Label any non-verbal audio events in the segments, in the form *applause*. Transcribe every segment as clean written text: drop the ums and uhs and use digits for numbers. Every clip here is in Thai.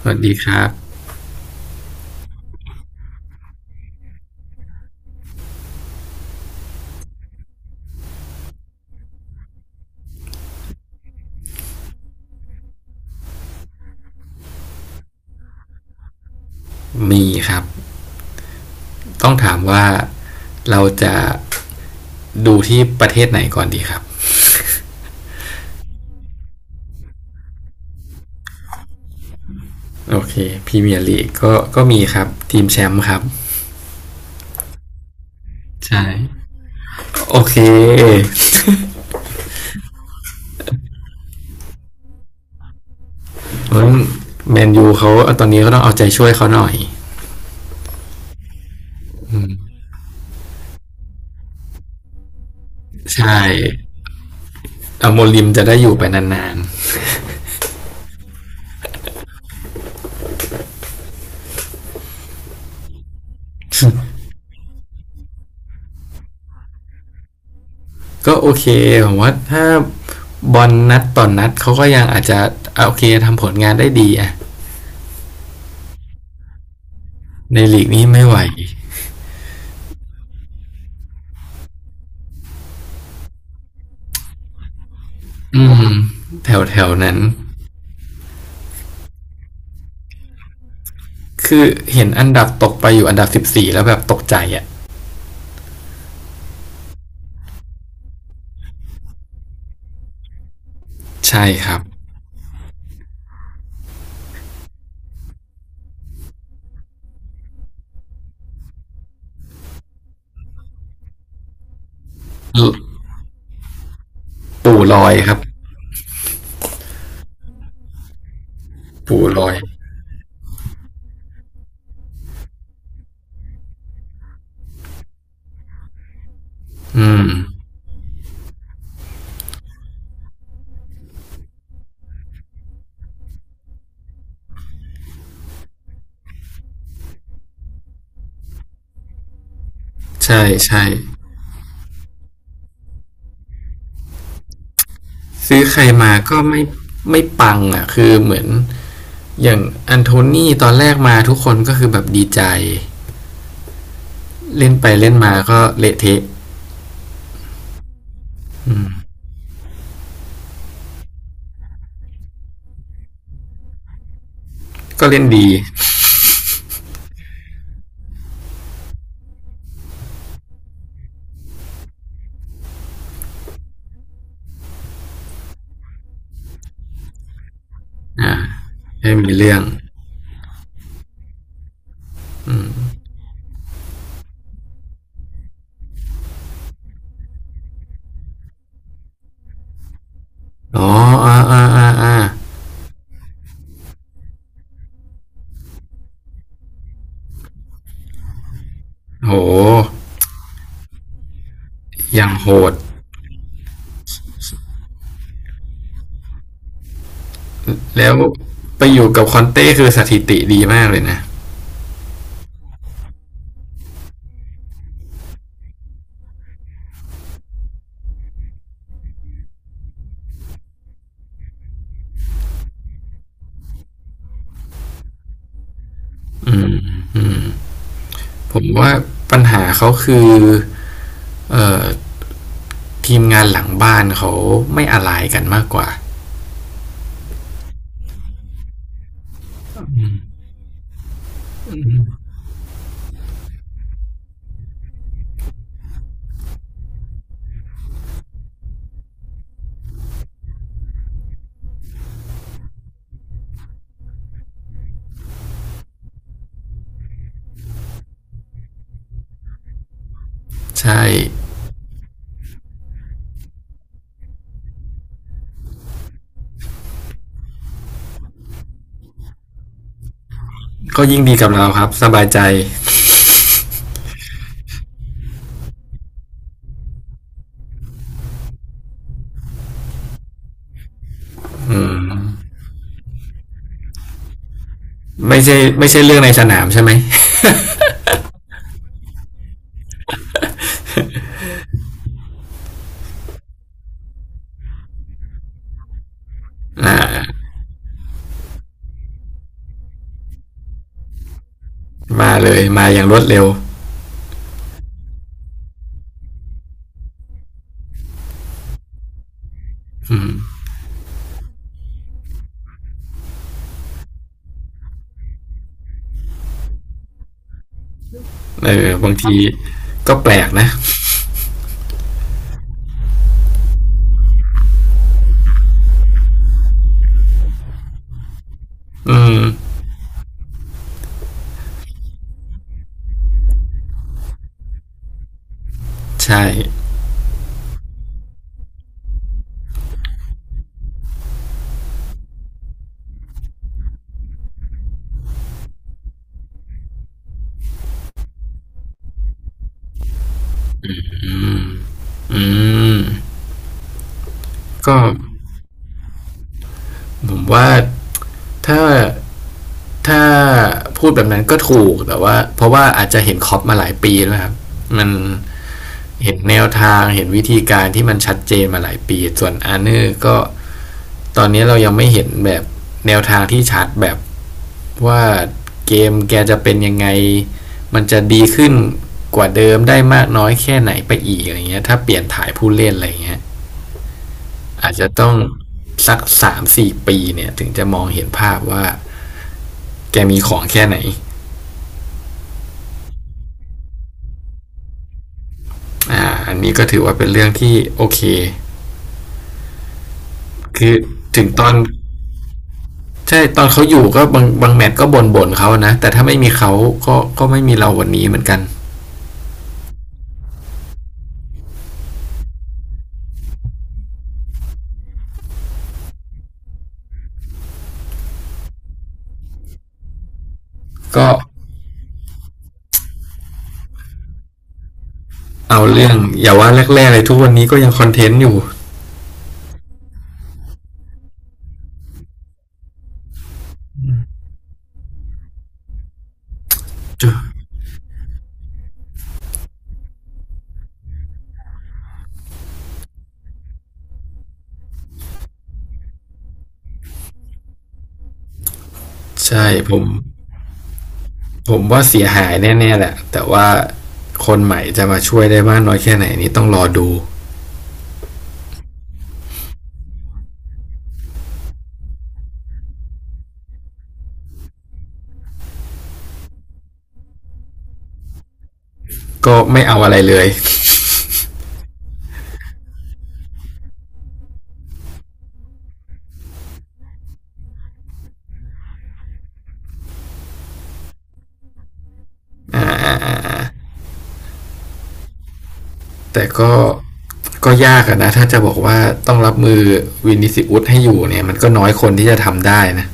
สวัสดีครับมีครับต้องถามว่าเราจะดูที่ประเทศไหนก่อนดีครับโอเคพรีเมียร์ลีกก็มีครับทีมแชมป์ครับใช่โอเคเพราะแมนยูเขาตอนนี้ก็ต้องเอาใจช่วยเขาหน่อยอืมใช่อโมลิมจะได้อยู่ไปนานๆ *laughs* *coughs* ก็โอเคผมว่าถ้าบอลนัดต่อนนัดเขาก็ยังอาจจะโอเคทำผลงานได้ดีอะในลีกนี้ไม่ไหวอืมวแถวๆนั้น คือเห็นอันดับตกไปอยู่อันดับ14แล้วแบบตกใจอ่ะใช่ครับปู่ลอยครับปู่ลอยอืมใช่ใช่ซื้อใครมาก็ไม่ไม่ปังอ่ะคือเหมือนอย่างอันโทนี่ตอนแรกมาทุกคนก็คือแบบดีใจเล่นไปเล่นมาก็เละเทะก็เล่นดีอ่าไม่มีเรื่องอ๋ออ่าโหอย่างโหดแล้วไปอยู่กับคอนเต้คือสถิติดีมากเลยนะ ผมว่าปัญหาเขาคือเอ่อทีมงานหลังบ้านเขาไม่อะไรกันมากกว่าใช่ก็ยิ่งดีกับเราครับสบายใจอืมไม่ใช่เรื่องในสนามใช่ไหมอ่ามาเลยมาอย่างรวดเร็วอืมเออบางทีก็แปลกนะอืมใช่อืมก็ผมว่าถ้าถ้าพูดแบบนั้นก็ถูกแต่ว่าเพราะว่าอาจจะเห็นคล็อปมาหลายปีแล้วครับมัน เห็นแนวทางเห็นวิธีการที่มันชัดเจนมาหลายปีส่วนอาร์เนอร์ก็ตอนนี้เรายังไม่เห็นแบบแนวทางที่ชัดแบบว่าเกมแกจะเป็นยังไงมันจะดีขึ้นกว่าเดิมได้มากน้อยแค่ไหนไปอีกอะไรเงี้ยถ้าเปลี่ยนถ่ายผู้เล่นอะไรเงี้ยอาจจะต้อง3 ถึง 4ปีเนี่ยถึงจะมองเห็นภาพว่าแกมีของแค่ไหนอ่าอันนี้ก็ถือว่าเป็นเรื่องที่โอเคคือถึงตอน ใช่ตอนเขาอยู่ก็บางแมตช์ก็บ่นเขานะแต่ถ้าไม่มีเขาก็ไม่มีเราวันนี้เหมือนกันก็เอาเรื่องอย่าว่าแรกๆเลยทุกวันนี้ก็ยังคอนเทนต์อยู่ใช่ผมว่าเสียหายแน่ๆแหละแต่ว่าคนใหม่จะมาช่วยได้มากน้อยแค่ไหนนี่ต้องรอดูก็ไม่เอาอะไรเลยแต่ก็ก็ยากอะนะถ้าจะบอกว่าต้องรับมือวินิสิอุสให้อยู่เนี่ยมันก็น้อยคนที่จะทำได้นะ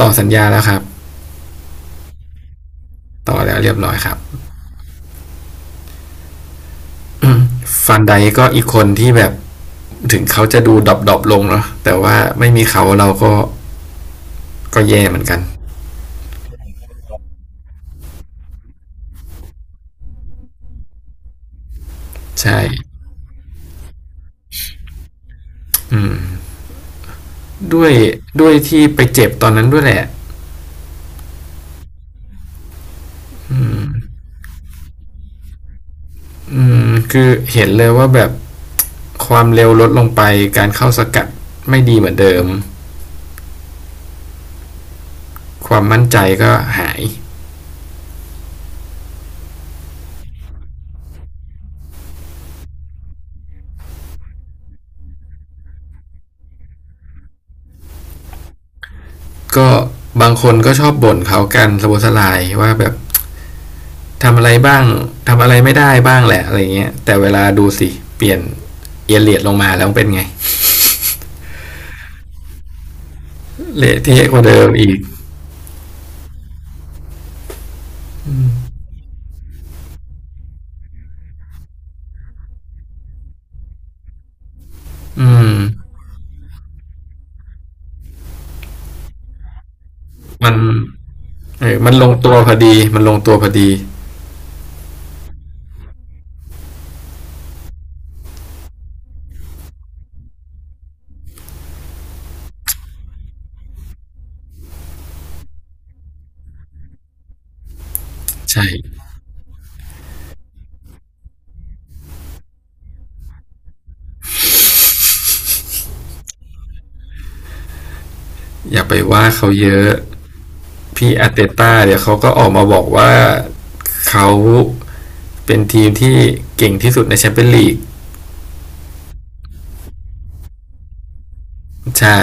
ต่อสัญญาแล้วครับต่อแล้วเรียบร้อยครับ ฟันไดก็อีกคนที่แบบถึงเขาจะดูดรอปดๆลงเนาะแต่ว่าไม่มีเขาเราก็แย่เหมือนกันใช่ด้วยด้วยที่ไปเจ็บตอนนั้นด้วยแหละอืมคือเห็นเลยว่าแบบความเร็วลดลงไปการเข้าสกัดไม่ดีเหมือนเดิมความมั่นใจก็หายก็บางคนก็ชอบบ่นเขากันสะบดสะลายว่าแบบทำอะไรบ้างทำอะไรไม่ได้บ้างแหละอะไรเงี้ยแต่เวลาดูสิเปลี่ยนเอเลียดลงมาแล้วเป็นไง เละเทะกว่าเดิมอีกอืมมันเออมันลงตัวพอดี มันลงตัวพอดี ใช่ อย่าไปว่าเขาเยอะ พี่อาร์เตต้าเดี๋ยวเขาก็ออกมาบอกว่าเขาเป็นทีมที่เก่งที่สุดในแชมเปี้ยนลีกใช่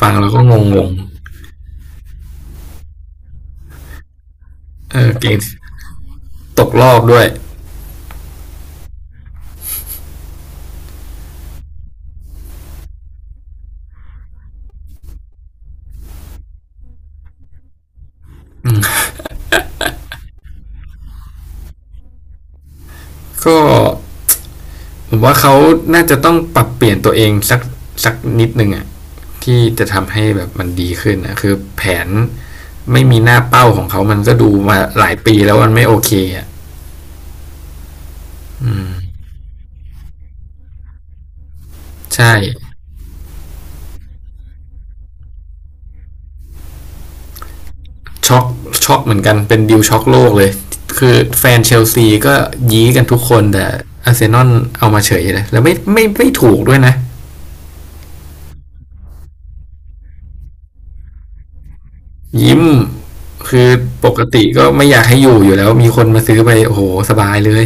ฟังแล้วก็งงงๆเออเก่งตกรอบด้วยก็ ผมว่าเขาน่าจะต้องปรับเปลี่ยนตัวเองสักนิดนึงอะที่จะทำให้แบบมันดีขึ้นนะคือแผนไม่มีหน้าเป้าของเขามันก็ดูมาหลายปีแล้วมันไม่โอเคอะใช่ช็อกช็อกเหมือนกันเป็นดิวช็อกโลกเลยคือแฟนเชลซีก็ยี้กันทุกคนแต่อาร์เซนอลเอามาเฉยเลยแล้วไม่ถูกด้วยนะยิ้มคือปกติก็ไม่อยากให้อยู่อยู่แล้วมีคนมาซื้อไปโอ้โหสบายเลย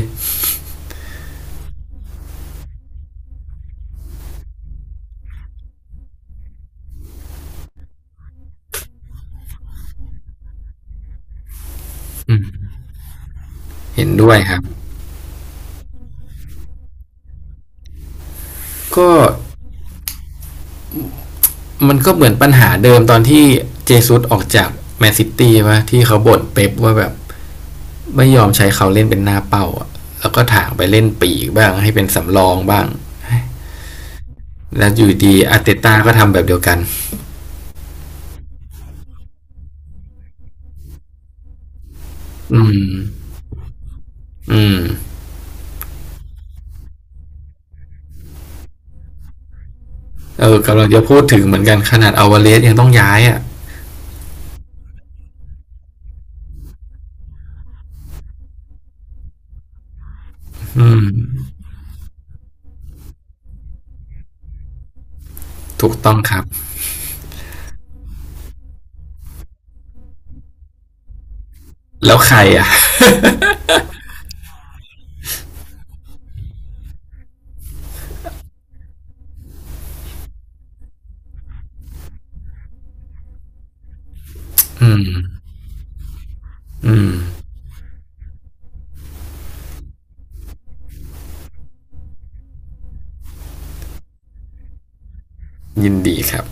เห็นด้วยครับก็ มันก็เหมือนปัญหาเดิมตอนที่เจซุสออกจากแมนซิตี้ว่าที่เขาบ่นเป๊ปว่าแบบไม่ยอมใช้เขาเล่นเป็นหน้าเป้าอะแล้วก็ถางไปเล่นปีกบ้างให้เป็นสำรองบ้างแล้วอยู่ดีอาร์เตต้าก็ทำแบบเดียวกันอืมอืมเออกำลังจะพูดถึงเหมือนกันขนาดอาวาเลสยังต้องย้ายอ่ะอืมถูกต้องครับแล้วใครอ่ะอืมอืมยินดีครับ